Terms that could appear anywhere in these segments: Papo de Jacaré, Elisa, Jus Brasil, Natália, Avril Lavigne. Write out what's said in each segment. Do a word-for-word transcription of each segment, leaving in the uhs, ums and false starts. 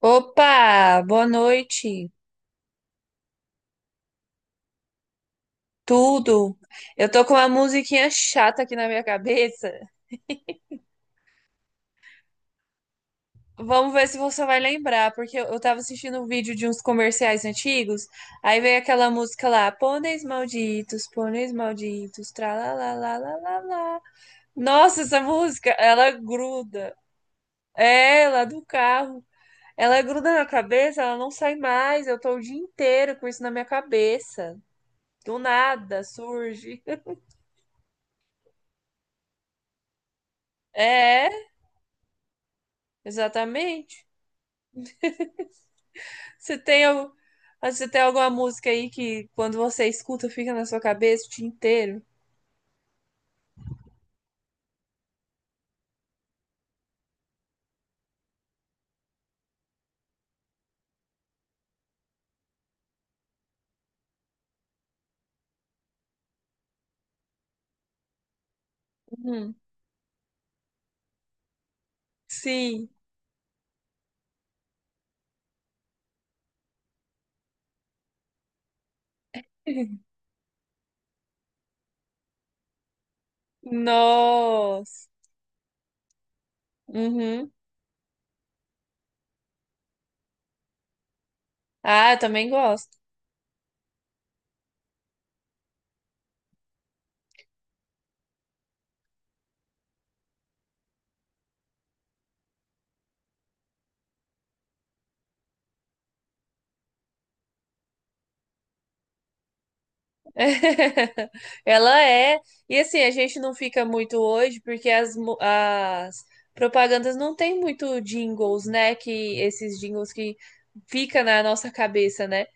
Opa, boa noite. Tudo? Eu tô com uma musiquinha chata aqui na minha cabeça. Vamos ver se você vai lembrar, porque eu eu tava assistindo um vídeo de uns comerciais antigos, aí veio aquela música lá, pôneis malditos, pôneis malditos, tralalalalala. Nossa, essa música, ela gruda. É, lá do carro. Ela gruda na cabeça, ela não sai mais. Eu tô o dia inteiro com isso na minha cabeça. Do nada surge. É. Exatamente. Você tem, al- Você tem alguma música aí que quando você escuta fica na sua cabeça o dia inteiro? Uhum. Sim. Nossa. Uhum. Ah, eu também gosto. Ela é. E assim, a gente não fica muito hoje porque as, mu- as propagandas não tem muito jingles, né? Que esses jingles que fica na nossa cabeça, né?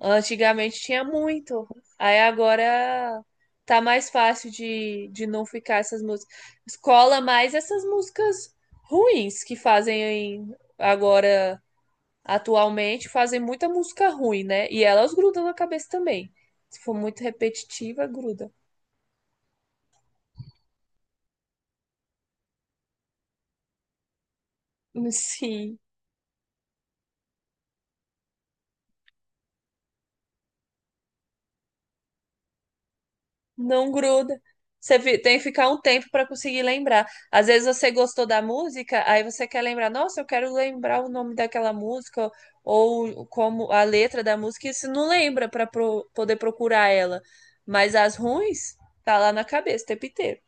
Antigamente tinha muito. Aí agora tá mais fácil de, de não ficar essas músicas. Escola mais essas músicas ruins que fazem agora, atualmente, fazem muita música ruim, né? E elas grudam na cabeça também. Se for muito repetitiva, gruda. Sim. Não gruda. Você fi- tem que ficar um tempo para conseguir lembrar. Às vezes você gostou da música, aí você quer lembrar, nossa, eu quero lembrar o nome daquela música ou como a letra da música, e você não lembra para poder procurar ela. Mas as ruins tá lá na cabeça o tempo inteiro.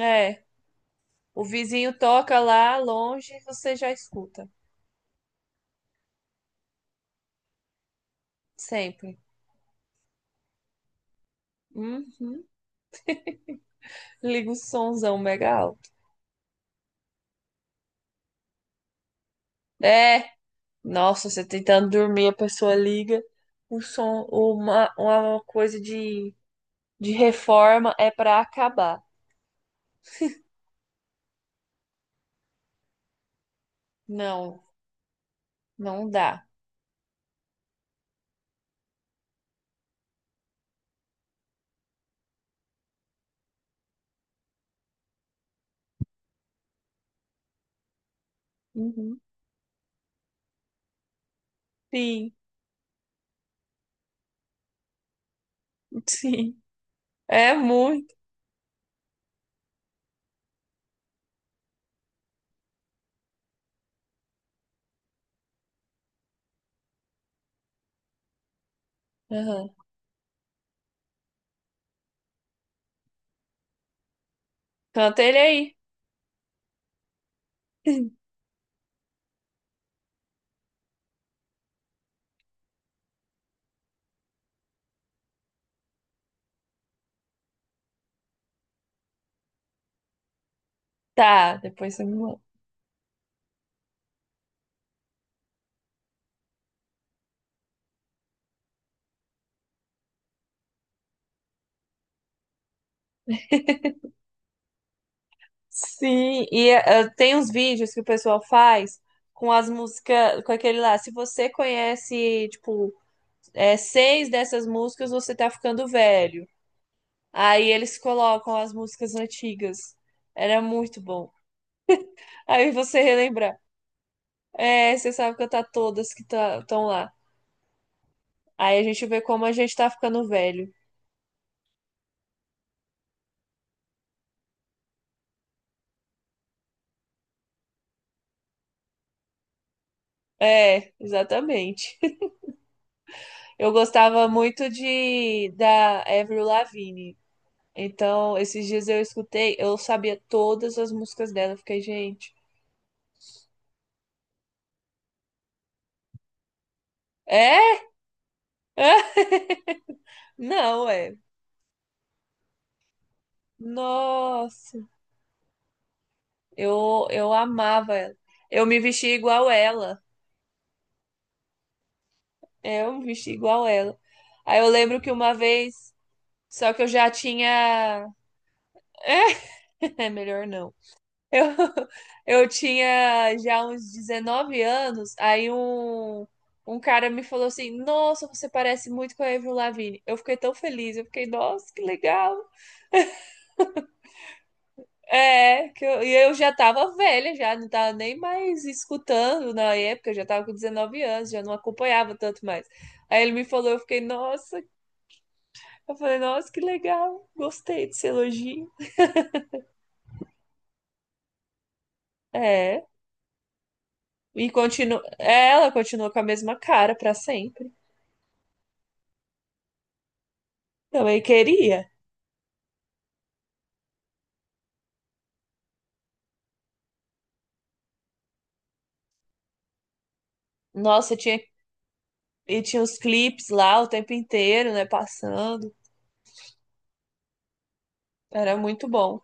É, o vizinho toca lá longe, você já escuta, sempre. Uhum. Liga o somzão mega alto. É. Nossa, você tentando dormir, a pessoa liga o som, uma, uma coisa de, de reforma é pra acabar. Não, não dá. Uhum. Sim, sim. É muito. Uhum. Canta ele aí. Tá, depois você me manda. Sim, e eh, tem uns vídeos que o pessoal faz com as músicas, com aquele lá. Se você conhece, tipo, eh, seis dessas músicas, você tá ficando velho. Aí eles colocam as músicas antigas. Era muito bom. Aí você relembrar. É, você sabe cantar todas que estão lá. Aí a gente vê como a gente tá ficando velho. É, exatamente. Eu gostava muito de da Avril Lavigne. Então, esses dias eu escutei, eu sabia todas as músicas dela. Eu fiquei, gente. É? É? Não, é. Nossa, eu, eu amava ela. Eu me vestia igual ela. É, eu me vesti igual ela. Aí eu lembro que uma vez, só que eu já tinha. É, melhor não. Eu, eu tinha já uns dezenove anos, aí um, um cara me falou assim: Nossa, você parece muito com a Avril Lavigne. Eu fiquei tão feliz, eu fiquei, nossa, que legal. É, que eu, e eu já tava velha, já não tava nem mais escutando na época, eu já tava com dezenove anos, já não acompanhava tanto mais. Aí ele me falou, eu fiquei, nossa, eu falei, nossa, que legal, gostei desse elogio. É, e continua, ela continuou com a mesma cara pra sempre. Também queria. Nossa, tinha e tinha os clipes lá o tempo inteiro, né, passando. Era muito bom.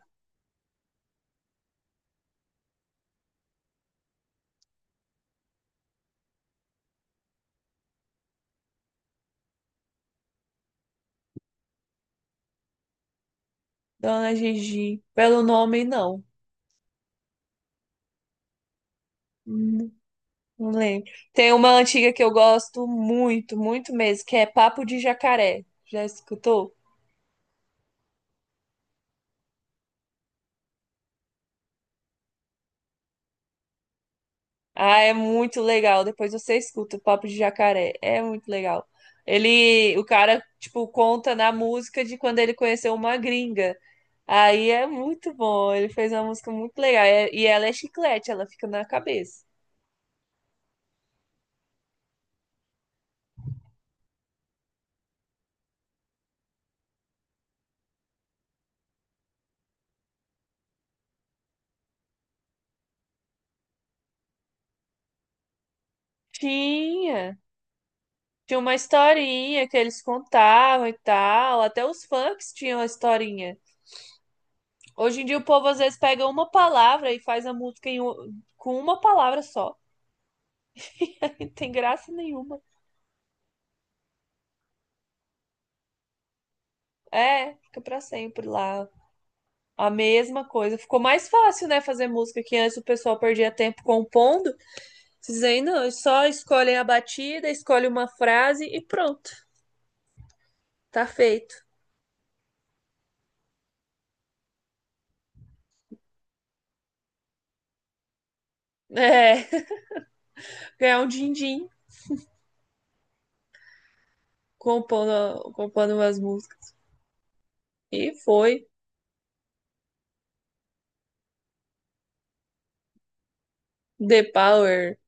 Dona Gigi, pelo nome não. Hum, não lembro. Tem uma antiga que eu gosto muito, muito mesmo, que é Papo de Jacaré. Já escutou? Ah, é muito legal. Depois você escuta o Papo de Jacaré. É muito legal. Ele, o cara, tipo, conta na música de quando ele conheceu uma gringa. Aí é muito bom. Ele fez uma música muito legal. É- E ela é chiclete, ela fica na cabeça. Tinha. Tinha uma historinha que eles contavam e tal. Até os funks tinham a historinha. Hoje em dia o povo às vezes pega uma palavra e faz a música em um- com uma palavra só. E não tem graça nenhuma. É, fica pra sempre lá. A mesma coisa. Ficou mais fácil, né, fazer música que antes o pessoal perdia tempo compondo. Vocês aí não, eles só escolhem a batida, escolhem uma frase e pronto, tá feito. É, ganhar um din-din compondo, compondo umas músicas. E foi The Power,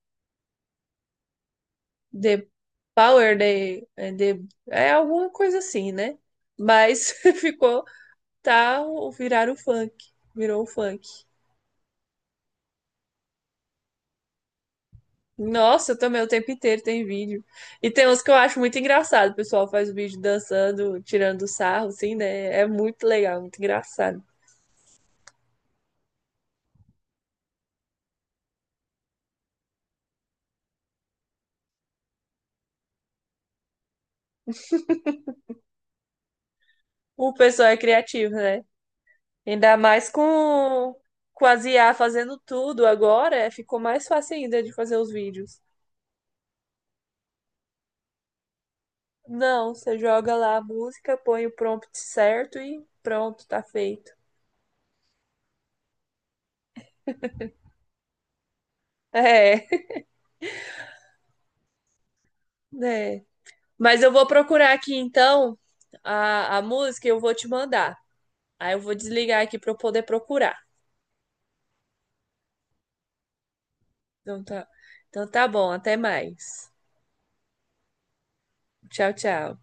The Power, The, The é alguma coisa assim, né? Mas ficou, tá, viraram o funk, virou o funk. Nossa, eu também o tempo inteiro tem vídeo. E tem uns que eu acho muito engraçado. O pessoal faz o vídeo dançando, tirando sarro, assim, né? É muito legal, muito engraçado. O pessoal é criativo, né? Ainda mais com, com as I A fazendo tudo agora, é, ficou mais fácil ainda de fazer os vídeos. Não, você joga lá a música, põe o prompt certo e pronto, tá feito. É, né? Mas eu vou procurar aqui então a, a música e eu vou te mandar. Aí eu vou desligar aqui para eu poder procurar. Então tá, então tá bom, até mais. Tchau, tchau.